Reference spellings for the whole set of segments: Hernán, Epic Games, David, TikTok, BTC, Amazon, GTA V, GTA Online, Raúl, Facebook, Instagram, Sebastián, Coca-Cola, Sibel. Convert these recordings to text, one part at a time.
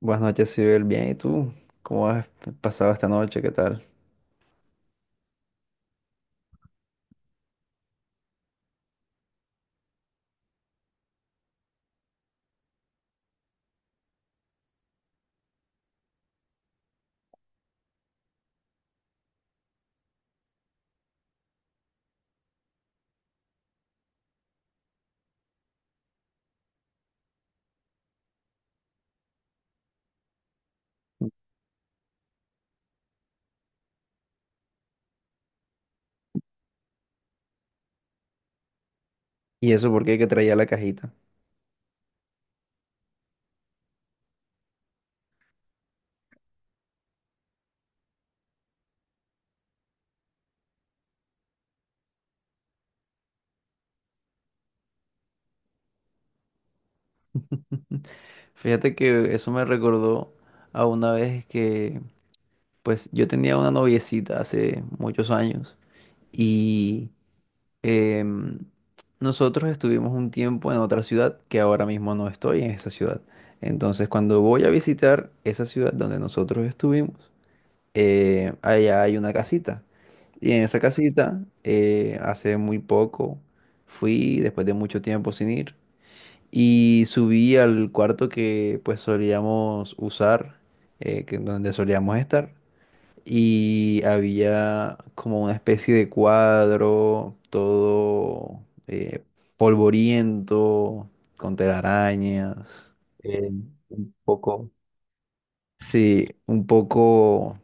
Buenas noches, Sibel. Bien, ¿y tú? ¿Cómo has pasado esta noche? ¿Qué tal? ¿Y eso por qué que traía la cajita? Fíjate que eso me recordó a una vez que, pues, yo tenía una noviecita hace muchos años y em, nosotros estuvimos un tiempo en otra ciudad que ahora mismo no estoy en esa ciudad. Entonces, cuando voy a visitar esa ciudad donde nosotros estuvimos, allá hay una casita. Y en esa casita, hace muy poco, fui después de mucho tiempo sin ir y subí al cuarto que pues solíamos usar, donde solíamos estar. Y había como una especie de cuadro, todo eh, polvoriento, con telarañas, eh, un poco, sí, un poco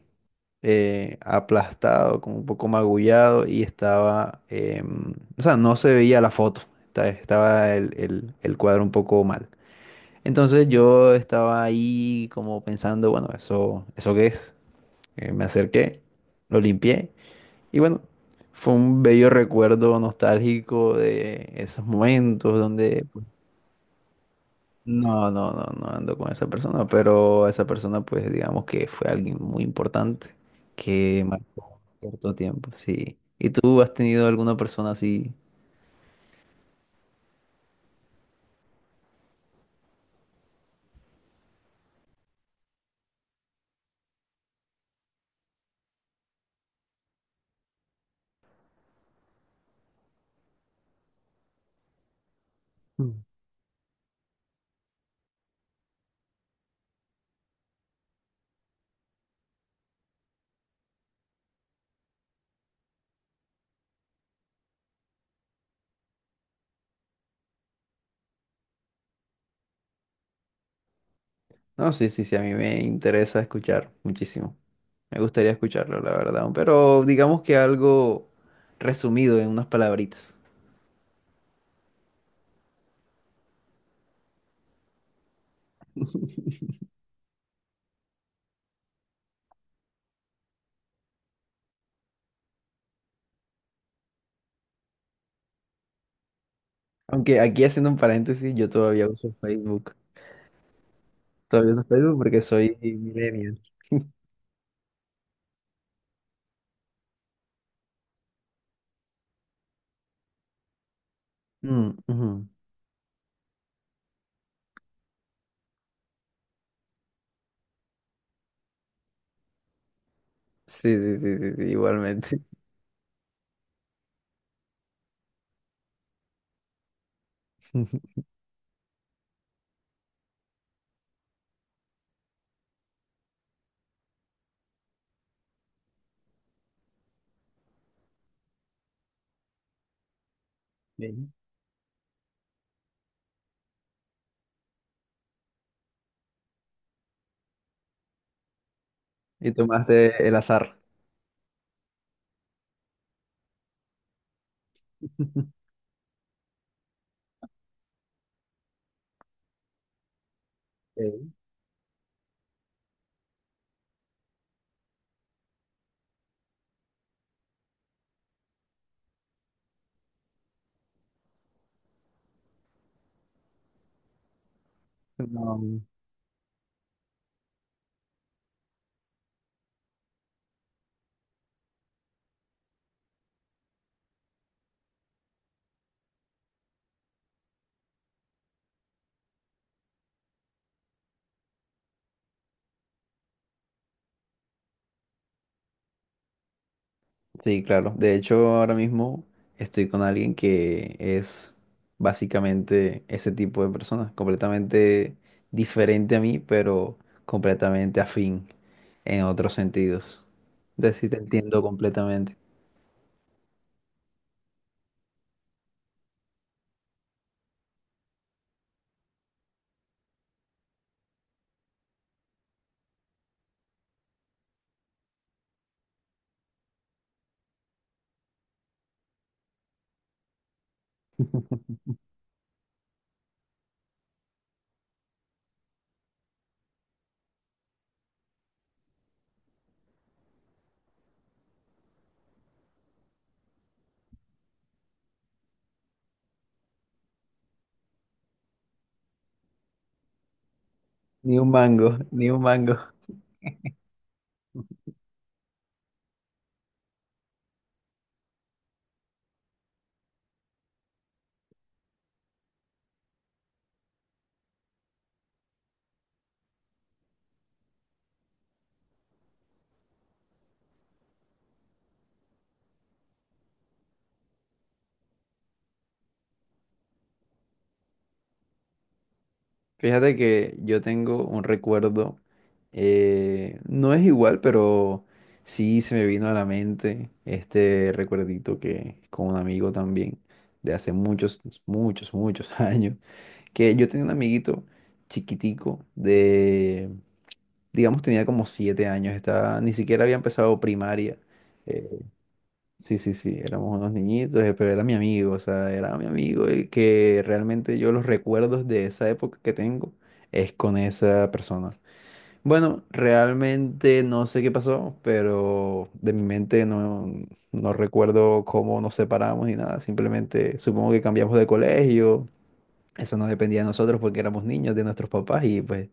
aplastado, como un poco magullado y estaba, o sea, no se veía la foto, estaba el cuadro un poco mal. Entonces yo estaba ahí como pensando, bueno, ¿eso qué es? Me acerqué, lo limpié y bueno, fue un bello recuerdo nostálgico de esos momentos donde no, no, no, no ando con esa persona, pero esa persona, pues digamos que fue alguien muy importante que marcó cierto tiempo, sí. ¿Y tú has tenido alguna persona así? Mm. No, sí, sí, sí, a mí me interesa escuchar muchísimo. Me gustaría escucharlo, la verdad, pero digamos que algo resumido en unas palabritas. Aunque aquí haciendo un paréntesis, yo todavía uso Facebook. Todavía uso Facebook porque soy millennial. Mm, ujú. Sí, sí, sí, sí, sí, igualmente. Sí. Y tomaste el azar. Ok. No, sí, claro. De hecho, ahora mismo estoy con alguien que es básicamente ese tipo de persona, completamente diferente a mí, pero completamente afín en otros sentidos. Entonces sí te entiendo completamente. Ni un mango, ni un mango. Fíjate que yo tengo un recuerdo, no es igual, pero sí se me vino a la mente este recuerdito que con un amigo también de hace muchos, muchos, muchos años, que yo tenía un amiguito chiquitico de, digamos, tenía como 7 años, estaba, ni siquiera había empezado primaria, eh, Sí, sí, sí, éramos unos niñitos, pero era mi amigo, o sea, era mi amigo y que realmente yo los recuerdos de esa época que tengo es con esa persona. Bueno, realmente no sé qué pasó, pero de mi mente no, no recuerdo cómo nos separamos ni nada, simplemente supongo que cambiamos de colegio, eso no dependía de nosotros porque éramos niños de nuestros papás y pues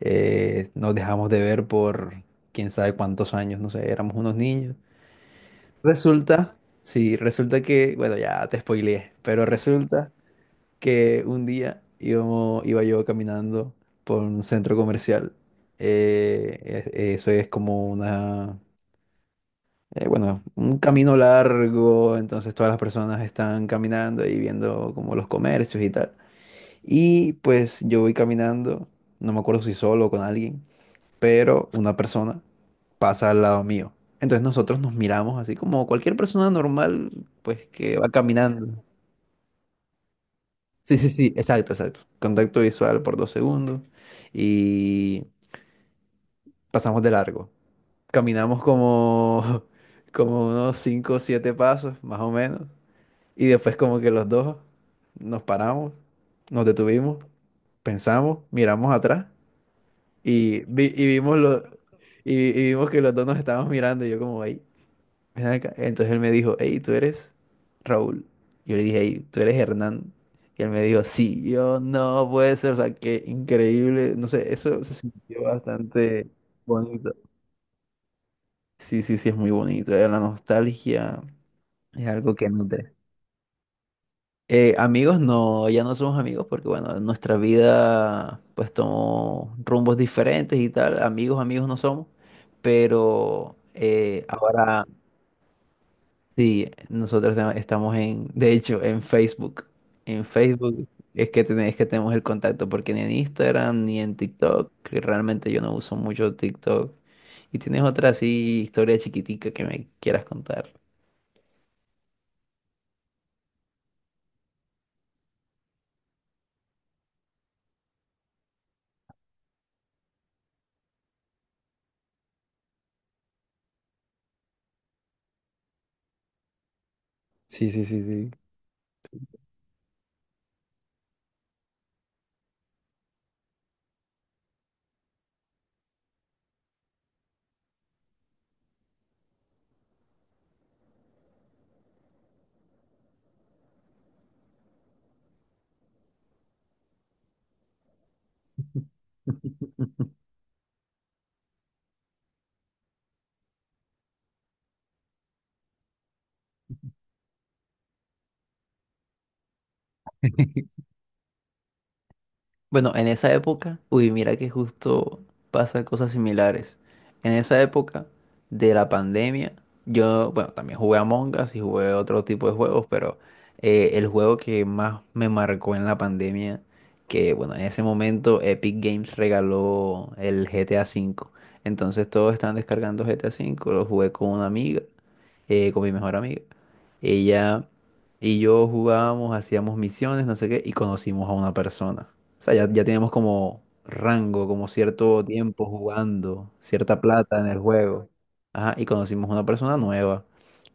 nos dejamos de ver por quién sabe cuántos años, no sé, éramos unos niños. Resulta, sí, resulta que, bueno, ya te spoileé, pero resulta que un día iba yo caminando por un centro comercial. eh, Eso es como bueno, un camino largo, entonces todas las personas están caminando y viendo como los comercios y tal. Y pues yo voy caminando, no me acuerdo si solo o con alguien pero una persona pasa al lado mío. Entonces nosotros nos miramos así como cualquier persona normal, pues que va caminando. Sí, sí, sí, exacto, exacto. Contacto visual por 2 segundos y pasamos de largo. Caminamos como, como unos 5 o 7 pasos, más o menos. Y después como que los dos nos paramos, nos detuvimos, pensamos, miramos atrás y, vi- y vimos lo- y vimos que los dos nos estábamos mirando y yo como, ahí ven acá". Entonces él me dijo, hey, ¿tú eres Raúl? Yo le dije, hey, ¿tú eres Hernán? Y él me dijo, sí, y yo no puede ser, o sea, qué increíble, no sé, eso se sintió bastante bonito. Sí, sí, sí, es muy bonito, La nostalgia es algo que nutre. Amigos, no, ya no somos amigos porque, bueno, nuestra vida pues tomó rumbos diferentes y tal, amigos, amigos no somos, pero ahora... Sí, nosotros estamos en, de hecho, en Facebook. En Facebook es que tenemos el contacto, porque ni en Instagram ni en TikTok, que realmente yo no uso mucho TikTok. Y tienes otra así historia chiquitica que me quieras contar. Sí, sí, sí, sí. Bueno, en esa época, uy, mira que justo pasan cosas similares. En esa época de la pandemia, yo, bueno, también jugué a Us y jugué otro tipo de juegos, pero el juego que más me marcó en la pandemia, que bueno, en ese momento Epic Games regaló el GTA V. Entonces todos estaban descargando GTA V, lo jugué con una amiga con mi mejor amiga. Ella y yo jugábamos, hacíamos misiones, no sé qué, y conocimos a una persona. O sea, ya, ya teníamos como rango, como cierto tiempo jugando, cierta plata en el juego. Ajá, y conocimos a una persona nueva.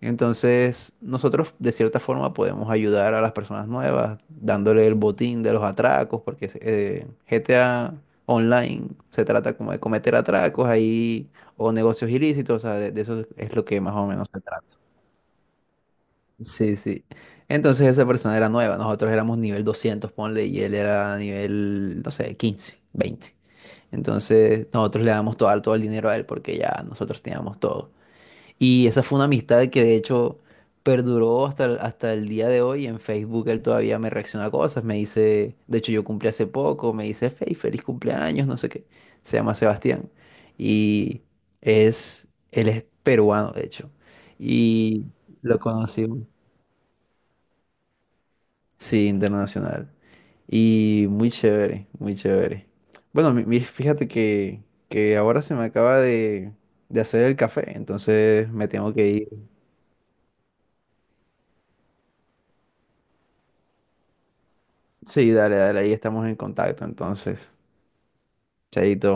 Entonces, nosotros de cierta forma podemos ayudar a las personas nuevas, dándole el botín de los atracos, porque GTA Online se trata como de cometer atracos ahí o negocios ilícitos, o sea, de eso es lo que más o menos se trata. Sí, sí. Entonces esa persona era nueva, nosotros éramos nivel 200, ponle, y él era nivel, no sé, 15, 20. Entonces nosotros le damos todo, todo el dinero a él porque ya nosotros teníamos todo. Y esa fue una amistad que de hecho perduró hasta el día de hoy. En Facebook él todavía me reacciona a cosas, me dice, de hecho yo cumplí hace poco, me dice, Fey, feliz cumpleaños, no sé qué. Se llama Sebastián. Y es, él es peruano, de hecho. Y lo conocimos. Sí, internacional. Y muy chévere, muy chévere. Bueno, fíjate que ahora se me acaba de hacer el café, entonces me tengo que ir. Sí, dale, dale, ahí estamos en contacto, entonces. Chaito.